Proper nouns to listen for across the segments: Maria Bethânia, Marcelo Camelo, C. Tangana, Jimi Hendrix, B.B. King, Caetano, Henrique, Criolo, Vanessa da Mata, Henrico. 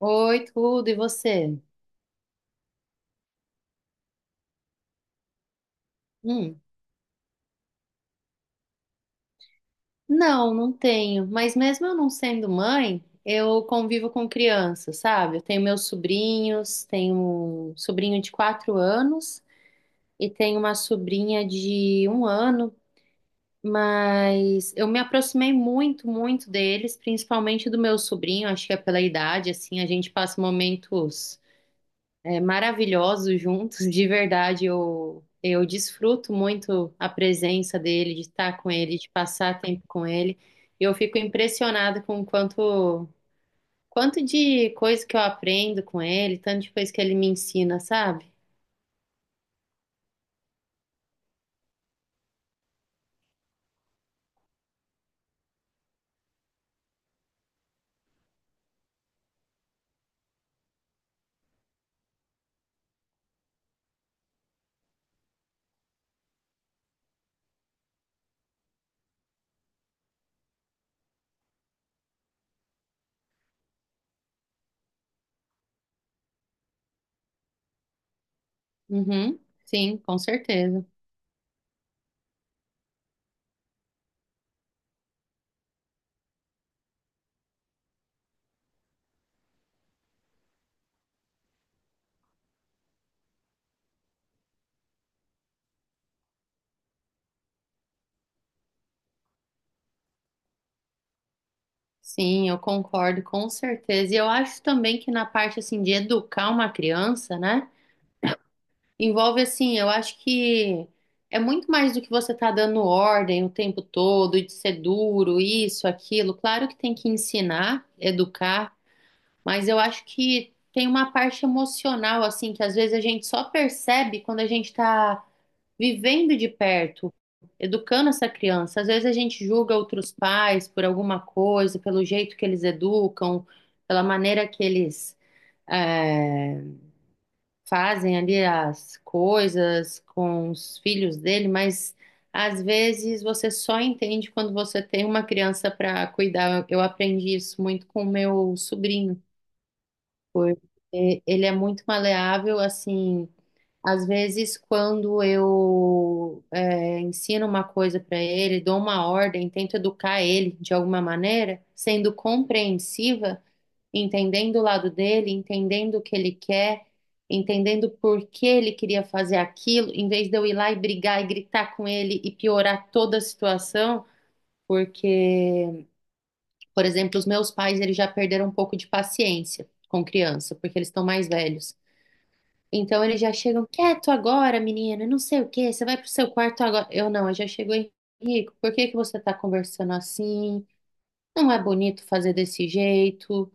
Oi, tudo, e você? Hum. Não, não tenho. Mas mesmo eu não sendo mãe, eu convivo com crianças, sabe? Eu tenho meus sobrinhos, tenho um sobrinho de 4 anos e tenho uma sobrinha de 1 ano, mas eu me aproximei muito, muito deles, principalmente do meu sobrinho, acho que é pela idade, assim, a gente passa momentos, maravilhosos juntos. De verdade, eu desfruto muito a presença dele, de estar com ele, de passar tempo com ele. E eu fico impressionada com o quanto de coisa que eu aprendo com ele, tanto de coisa que ele me ensina, sabe? Uhum, sim, com certeza. Sim, eu concordo, com certeza. E eu acho também que na parte assim de educar uma criança, né? Envolve assim, eu acho que é muito mais do que você tá dando ordem o tempo todo, e de ser duro, isso, aquilo. Claro que tem que ensinar, educar, mas eu acho que tem uma parte emocional, assim, que às vezes a gente só percebe quando a gente tá vivendo de perto, educando essa criança. Às vezes a gente julga outros pais por alguma coisa, pelo jeito que eles educam, pela maneira que eles eh, fazem ali as coisas com os filhos dele, mas às vezes você só entende quando você tem uma criança para cuidar. Eu aprendi isso muito com o meu sobrinho, porque ele é muito maleável, assim. Às vezes, quando eu ensino uma coisa para ele, dou uma ordem, tento educar ele de alguma maneira, sendo compreensiva, entendendo o lado dele, entendendo o que ele quer, entendendo por que ele queria fazer aquilo, em vez de eu ir lá e brigar e gritar com ele e piorar toda a situação, porque, por exemplo, os meus pais, eles já perderam um pouco de paciência com criança, porque eles estão mais velhos. Então eles já chegam quieto agora, menina, não sei o quê, você vai pro seu quarto agora. Eu não, eu já chego, Henrico, por que que você tá conversando assim? Não é bonito fazer desse jeito.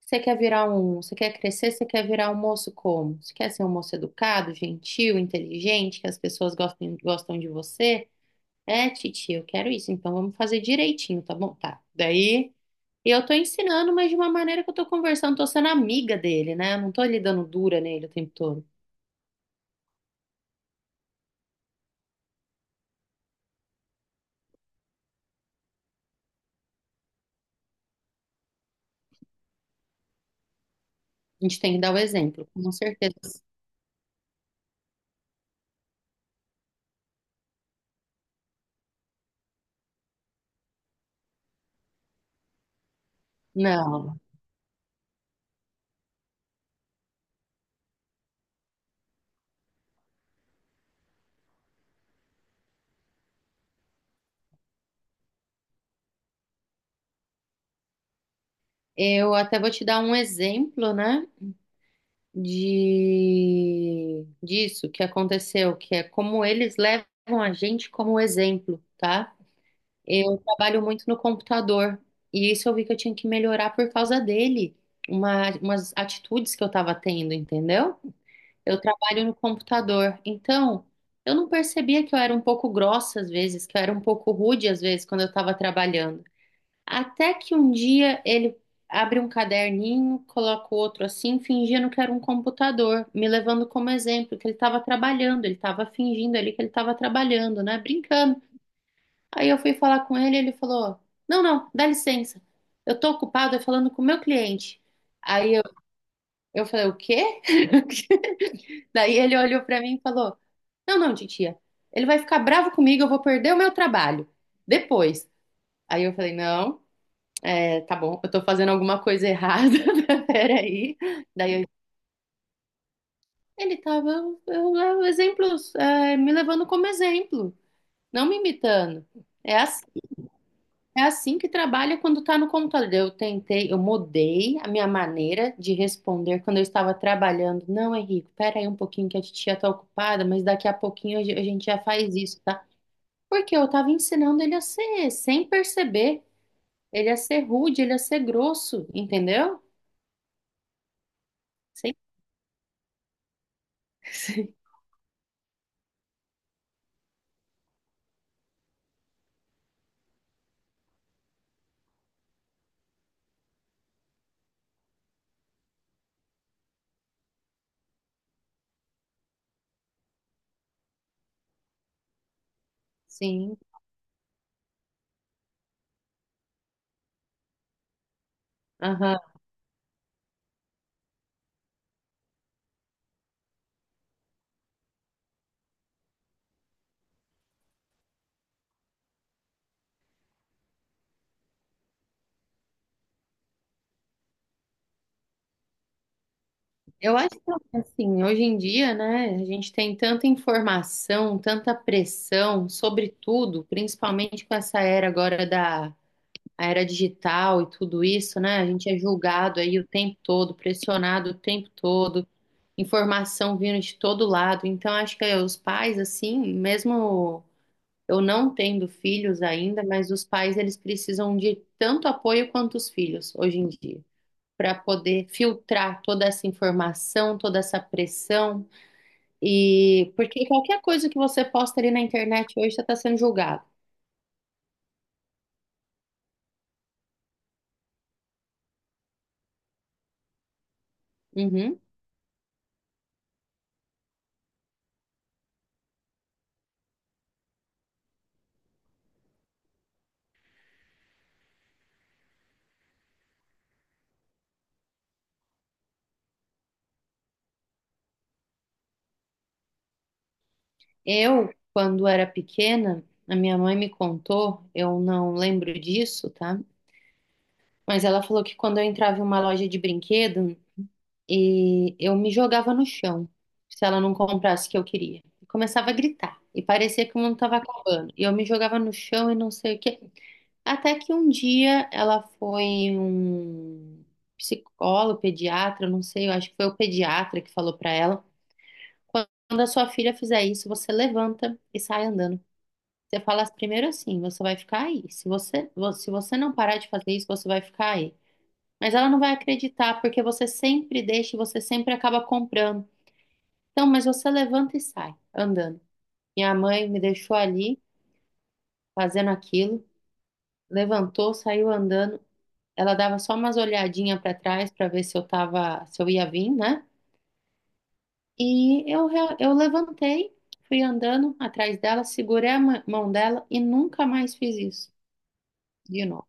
Você quer virar um, você quer crescer, você quer virar um moço como? Você quer ser um moço educado, gentil, inteligente, que as pessoas gostem, gostam de você? É, titia, eu quero isso, então vamos fazer direitinho, tá bom? Tá. Daí eu tô ensinando, mas de uma maneira que eu tô conversando, tô sendo amiga dele, né? Eu não tô lhe dando dura nele o tempo todo. A gente tem que dar o exemplo, com certeza. Não, eu até vou te dar um exemplo, né? De disso que aconteceu, que é como eles levam a gente como exemplo, tá? Eu trabalho muito no computador e isso eu vi que eu tinha que melhorar por causa dele, umas atitudes que eu estava tendo, entendeu? Eu trabalho no computador, então eu não percebia que eu era um pouco grossa às vezes, que eu era um pouco rude às vezes quando eu estava trabalhando. Até que um dia ele abre um caderninho, coloca o outro assim, fingindo que era um computador, me levando como exemplo, que ele estava trabalhando, ele estava fingindo ali que ele estava trabalhando, né? Brincando. Aí eu fui falar com ele, ele falou: não, não, dá licença, eu tô ocupado, é falando com o meu cliente. Aí eu falei: o quê? Daí ele olhou para mim e falou: não, não, titia, ele vai ficar bravo comigo, eu vou perder o meu trabalho. Depois. Aí eu falei: não. É, tá bom, eu tô fazendo alguma coisa errada, peraí. Daí ele tava, exemplos, me levando como exemplo, não me imitando. É assim, é assim que trabalha quando tá no computador. Eu tentei, eu mudei a minha maneira de responder quando eu estava trabalhando. Não, Henrique, peraí um pouquinho que a titia tá ocupada, mas daqui a pouquinho a gente já faz isso, tá? Porque eu tava ensinando ele a ser, sem perceber, ele a ser rude, ele a ser grosso, entendeu? Sem- Sim, aham. Eu acho que assim, hoje em dia, né, a gente tem tanta informação, tanta pressão sobre tudo, principalmente com essa era agora da a era digital e tudo isso, né? A gente é julgado aí o tempo todo, pressionado o tempo todo, informação vindo de todo lado. Então, acho que os pais, assim, mesmo eu não tendo filhos ainda, mas os pais eles precisam de tanto apoio quanto os filhos hoje em dia, para poder filtrar toda essa informação, toda essa pressão. E porque qualquer coisa que você posta ali na internet hoje, você está sendo julgado. Uhum. Eu, quando era pequena, a minha mãe me contou, eu não lembro disso, tá? Mas ela falou que quando eu entrava em uma loja de brinquedo e eu me jogava no chão, se ela não comprasse o que eu queria. Eu começava a gritar e parecia que o mundo estava acabando. E eu me jogava no chão e não sei o quê. Até que um dia ela foi um psicólogo, pediatra, não sei, eu acho que foi o pediatra que falou pra ela: quando a sua filha fizer isso, você levanta e sai andando. Você fala primeiro assim, você vai ficar aí. Se você não parar de fazer isso, você vai ficar aí. Mas ela não vai acreditar, porque você sempre deixa e você sempre acaba comprando. Então, mas você levanta e sai andando. Minha mãe me deixou ali fazendo aquilo, levantou, saiu andando. Ela dava só umas olhadinhas para trás para ver se eu tava, se eu ia vir, né? E eu levantei, fui andando atrás dela, segurei a mão dela e nunca mais fiz isso de novo.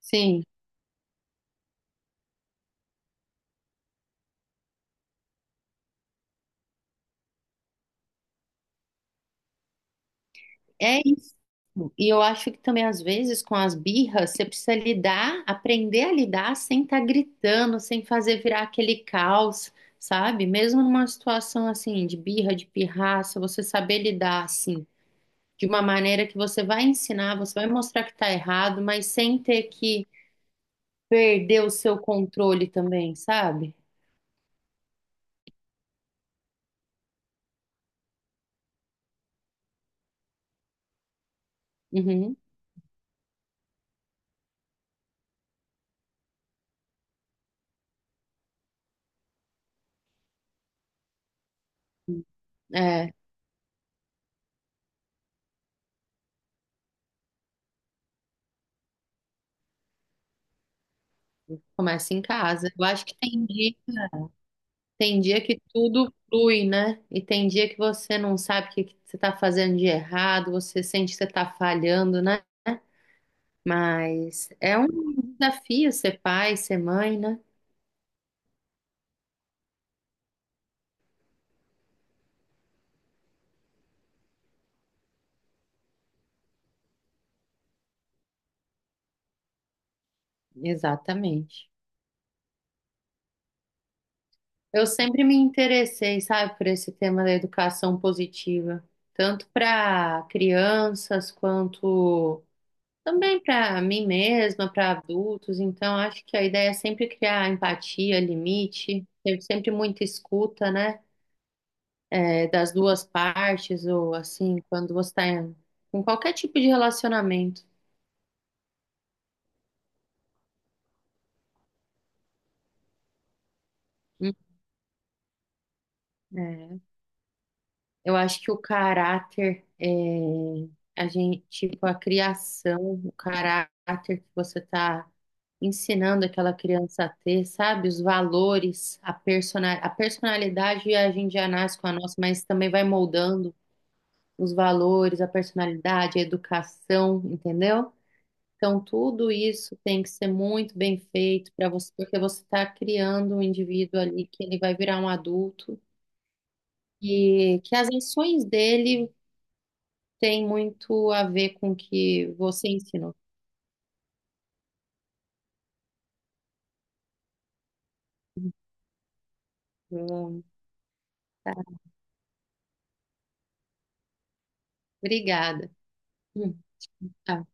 Sim, é isso. E eu acho que também, às vezes, com as birras, você precisa lidar, aprender a lidar sem estar gritando, sem fazer virar aquele caos, sabe? Mesmo numa situação assim, de birra, de pirraça, você saber lidar assim, de uma maneira que você vai ensinar, você vai mostrar que está errado, mas sem ter que perder o seu controle também, sabe? Uhum. É, começa em casa. Eu acho que tem dia que tudo flui, né? E tem dia que você não sabe o que que você está fazendo de errado, você sente que você está falhando, né? Mas é um desafio ser pai, ser mãe, né? Exatamente. Eu sempre me interessei, sabe, por esse tema da educação positiva, tanto para crianças quanto também para mim mesma, para adultos. Então, acho que a ideia é sempre criar empatia, limite, ter sempre muita escuta, né, das duas partes, ou assim, quando você está em, qualquer tipo de relacionamento. Hum, é. Eu acho que o caráter é a gente, tipo, a criação, o caráter que você está ensinando aquela criança a ter, sabe? Os valores, a persona, a personalidade a gente já nasce com a nossa, mas também vai moldando os valores, a personalidade, a educação, entendeu? Então, tudo isso tem que ser muito bem feito para você, porque você está criando um indivíduo ali que ele vai virar um adulto e que as ações dele tem muito a ver com o que você ensinou. Hum, tá. Obrigada. Hum, tá.